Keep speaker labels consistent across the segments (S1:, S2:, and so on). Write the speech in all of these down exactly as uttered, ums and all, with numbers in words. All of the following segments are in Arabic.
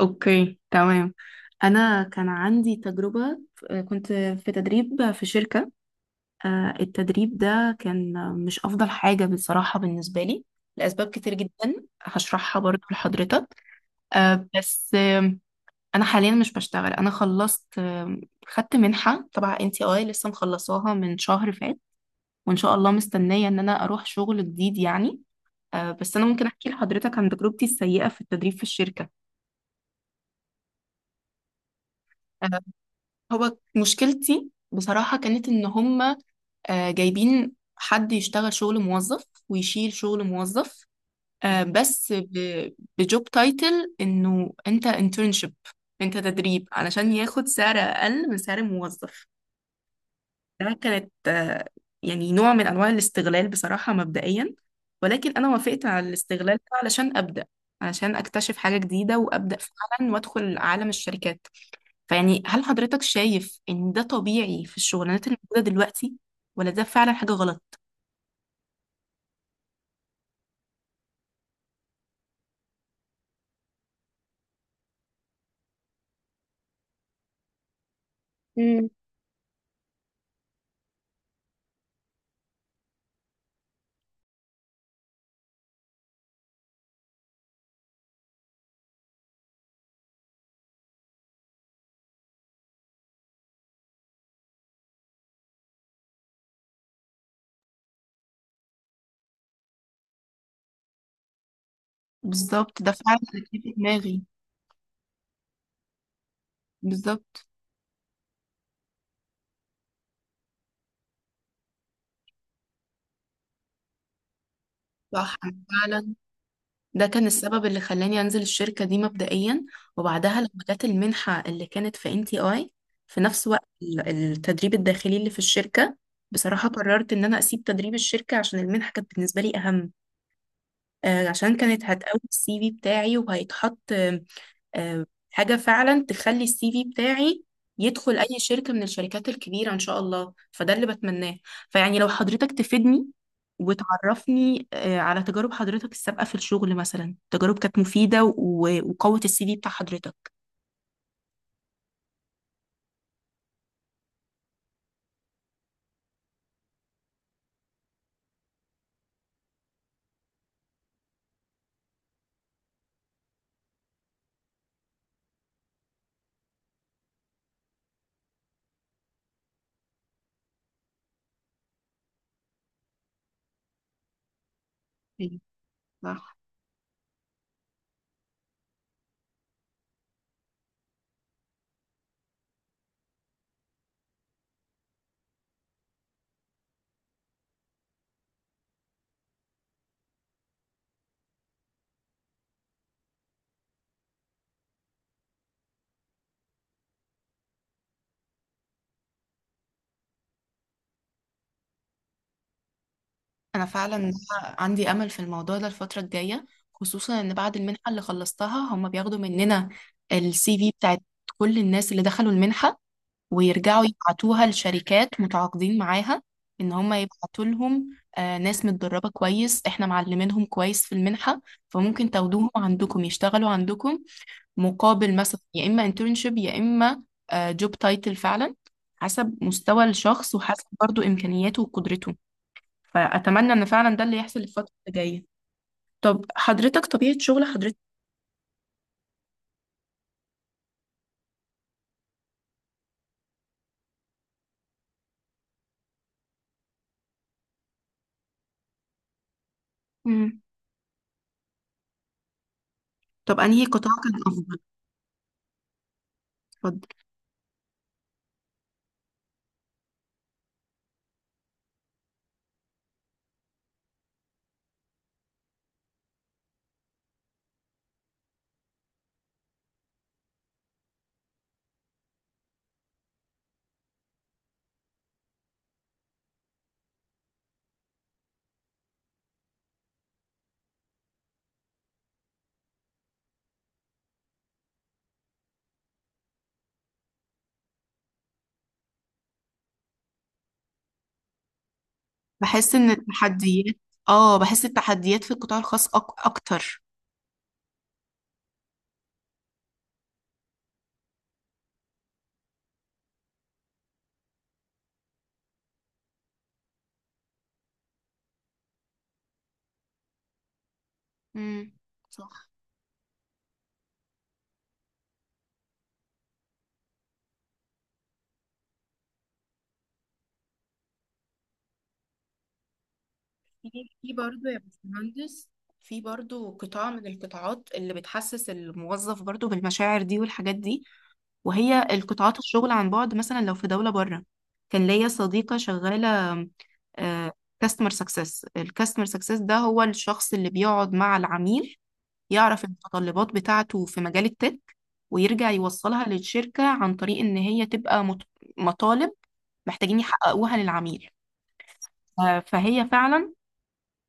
S1: اوكي تمام. انا كان عندي تجربة. آه، كنت في تدريب في شركة. آه، التدريب ده كان آه، مش افضل حاجة بصراحة بالنسبة لي لاسباب كتير جدا هشرحها برضو لحضرتك. آه، بس آم، انا حاليا مش بشتغل. انا خلصت، آم، خدت منحة تبع ان تي اي لسه مخلصاها من شهر فات، وان شاء الله مستنية ان انا اروح شغل جديد يعني. آه، بس انا ممكن احكي لحضرتك عن تجربتي السيئة في التدريب في الشركة. آه، هو مشكلتي بصراحة كانت إن هما آه، جايبين حد يشتغل شغل موظف ويشيل شغل موظف، آه، بس ب- بجوب تايتل إنه أنت انترنشيب، أنت تدريب، علشان ياخد سعر أقل من سعر الموظف. ده كانت آه، يعني نوع من أنواع الاستغلال بصراحة مبدئيا، ولكن أنا وافقت على الاستغلال ده علشان أبدأ، علشان أكتشف حاجة جديدة وأبدأ فعلا وأدخل عالم الشركات. فيعني هل حضرتك شايف ان ده طبيعي في الشغلانات اللي موجودة دلوقتي، ولا ده فعلا حاجة غلط؟ امم، بالظبط، ده فعلا اللي كان في دماغي. بالظبط، صح، أنا فعلا ده كان السبب اللي خلاني انزل الشركة دي مبدئيا. وبعدها لما جت المنحة اللي كانت في ان تي اي في نفس وقت ال- التدريب الداخلي اللي في الشركة، بصراحة قررت ان انا اسيب تدريب الشركة عشان المنحة كانت بالنسبة لي اهم. آه، عشان كانت هتقوي السي في بتاعي، وهيتحط آه، حاجة فعلا تخلي السي في بتاعي يدخل أي شركة من الشركات الكبيرة إن شاء الله، فده اللي بتمناه. فيعني لو حضرتك تفيدني وتعرفني آه، على تجارب حضرتك السابقة في الشغل، مثلا تجارب كانت مفيدة و- وقوت السي في بتاع حضرتك. أيوة، صح. أنا فعلا عندي أمل في الموضوع ده الفترة الجاية، خصوصا إن بعد المنحة اللي خلصتها هم بياخدوا مننا السي في بتاعت كل الناس اللي دخلوا المنحة، ويرجعوا يبعتوها لشركات متعاقدين معاها ان هم يبعتوا لهم آه، ناس متدربة كويس، احنا معلمينهم كويس في المنحة، فممكن تاخدوهم عندكم يشتغلوا عندكم مقابل مثلا يا اما انترنشيب يا اما جوب تايتل فعلا حسب مستوى الشخص وحسب برضو امكانياته وقدرته. فاتمنى ان فعلا ده اللي يحصل الفترة اللي جاية. طب حضرتك طبيعة شغل حضرتك؟ مم. طب انهي قطاع كان افضل؟ اتفضل. بحس ان التحديات، اه، بحس التحديات في القطاع الخاص أك... اكتر. امم، صح. في في برضه يا باشمهندس في برضه قطاع من القطاعات اللي بتحسس الموظف برضه بالمشاعر دي والحاجات دي، وهي القطاعات الشغل عن بعد مثلا لو في دولة بره. كان ليا صديقة شغالة كاستمر سكسس. الكاستمر سكسس ده هو الشخص اللي بيقعد مع العميل يعرف المتطلبات بتاعته في مجال التك، ويرجع يوصلها للشركة عن طريق إن هي تبقى مت- مطالب محتاجين يحققوها للعميل. آه، فهي فعلا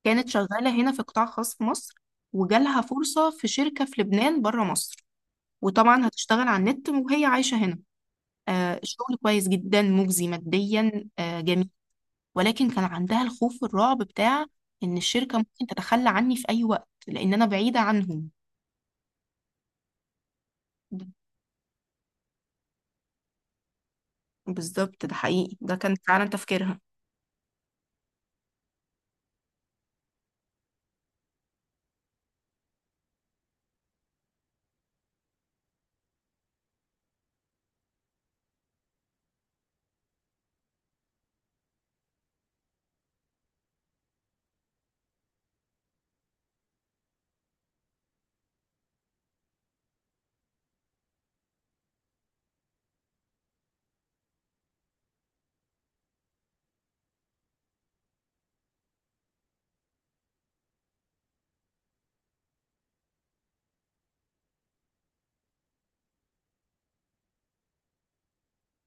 S1: كانت شغالة هنا في قطاع خاص في مصر، وجالها فرصة في شركة في لبنان بره مصر، وطبعا هتشتغل على النت وهي عايشة هنا. آه، الشغل كويس جدا، مجزي ماديا، آه، جميل، ولكن كان عندها الخوف والرعب بتاع إن الشركة ممكن تتخلى عني في أي وقت لأن أنا بعيدة عنهم. بالظبط، ده حقيقي، ده كان فعلا تفكيرها.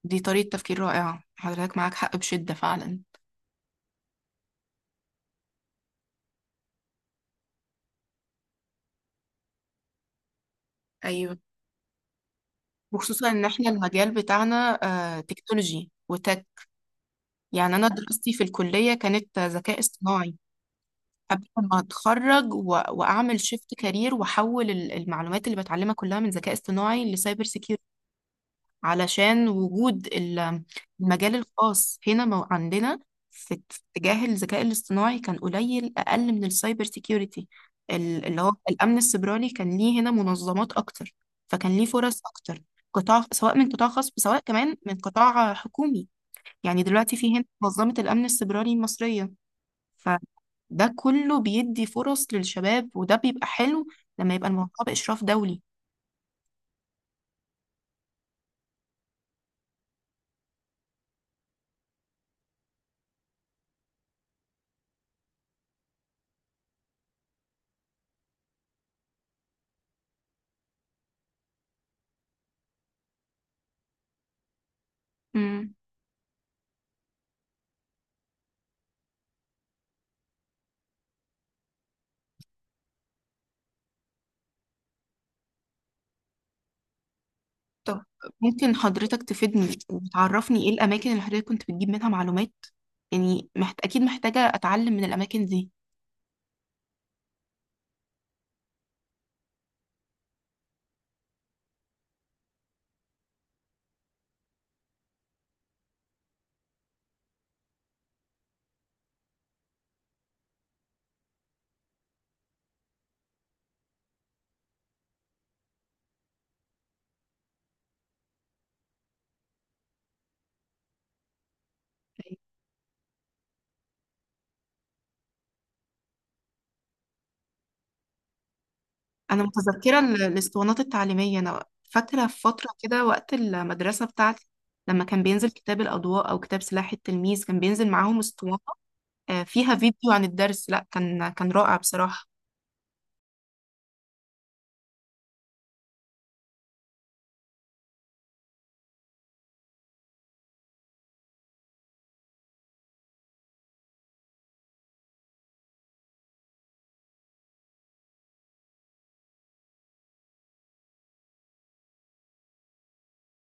S1: دي طريقة تفكير رائعة، حضرتك معاك حق بشدة فعلا. أيوة. وخصوصا إن إحنا المجال بتاعنا آه، تكنولوجي وتك، يعني أنا دراستي في الكلية كانت آه، ذكاء اصطناعي قبل ما أتخرج، و... وأعمل شيفت كارير وأحول ال- المعلومات اللي بتعلمها كلها من ذكاء اصطناعي لسايبر سيكيورتي، علشان وجود ال- المجال الخاص هنا مو- عندنا في في اتجاه الذكاء الاصطناعي كان قليل، أقل من السايبر سيكيورتي. ال- اللي هو الأمن السيبراني كان ليه هنا منظمات أكتر، فكان ليه فرص أكتر، قطاع سواء من قطاع خاص سواء كمان من قطاع حكومي. يعني دلوقتي في هنا منظمة الأمن السيبراني المصرية، فده كله بيدي فرص للشباب، وده بيبقى حلو لما يبقى الموضوع بإشراف دولي. طب ممكن حضرتك تفيدني وتعرفني ايه الاماكن اللي حضرتك كنت بتجيب منها معلومات؟ يعني محت... اكيد محتاجة اتعلم من الاماكن دي. انا متذكرة ال- الاسطوانات التعليمية، انا فاكرة في فترة كده وقت المدرسة بتاعتي لما كان بينزل كتاب الاضواء او كتاب سلاح التلميذ كان بينزل معاهم اسطوانة آه، فيها فيديو عن الدرس، لا كان كان رائع بصراحة.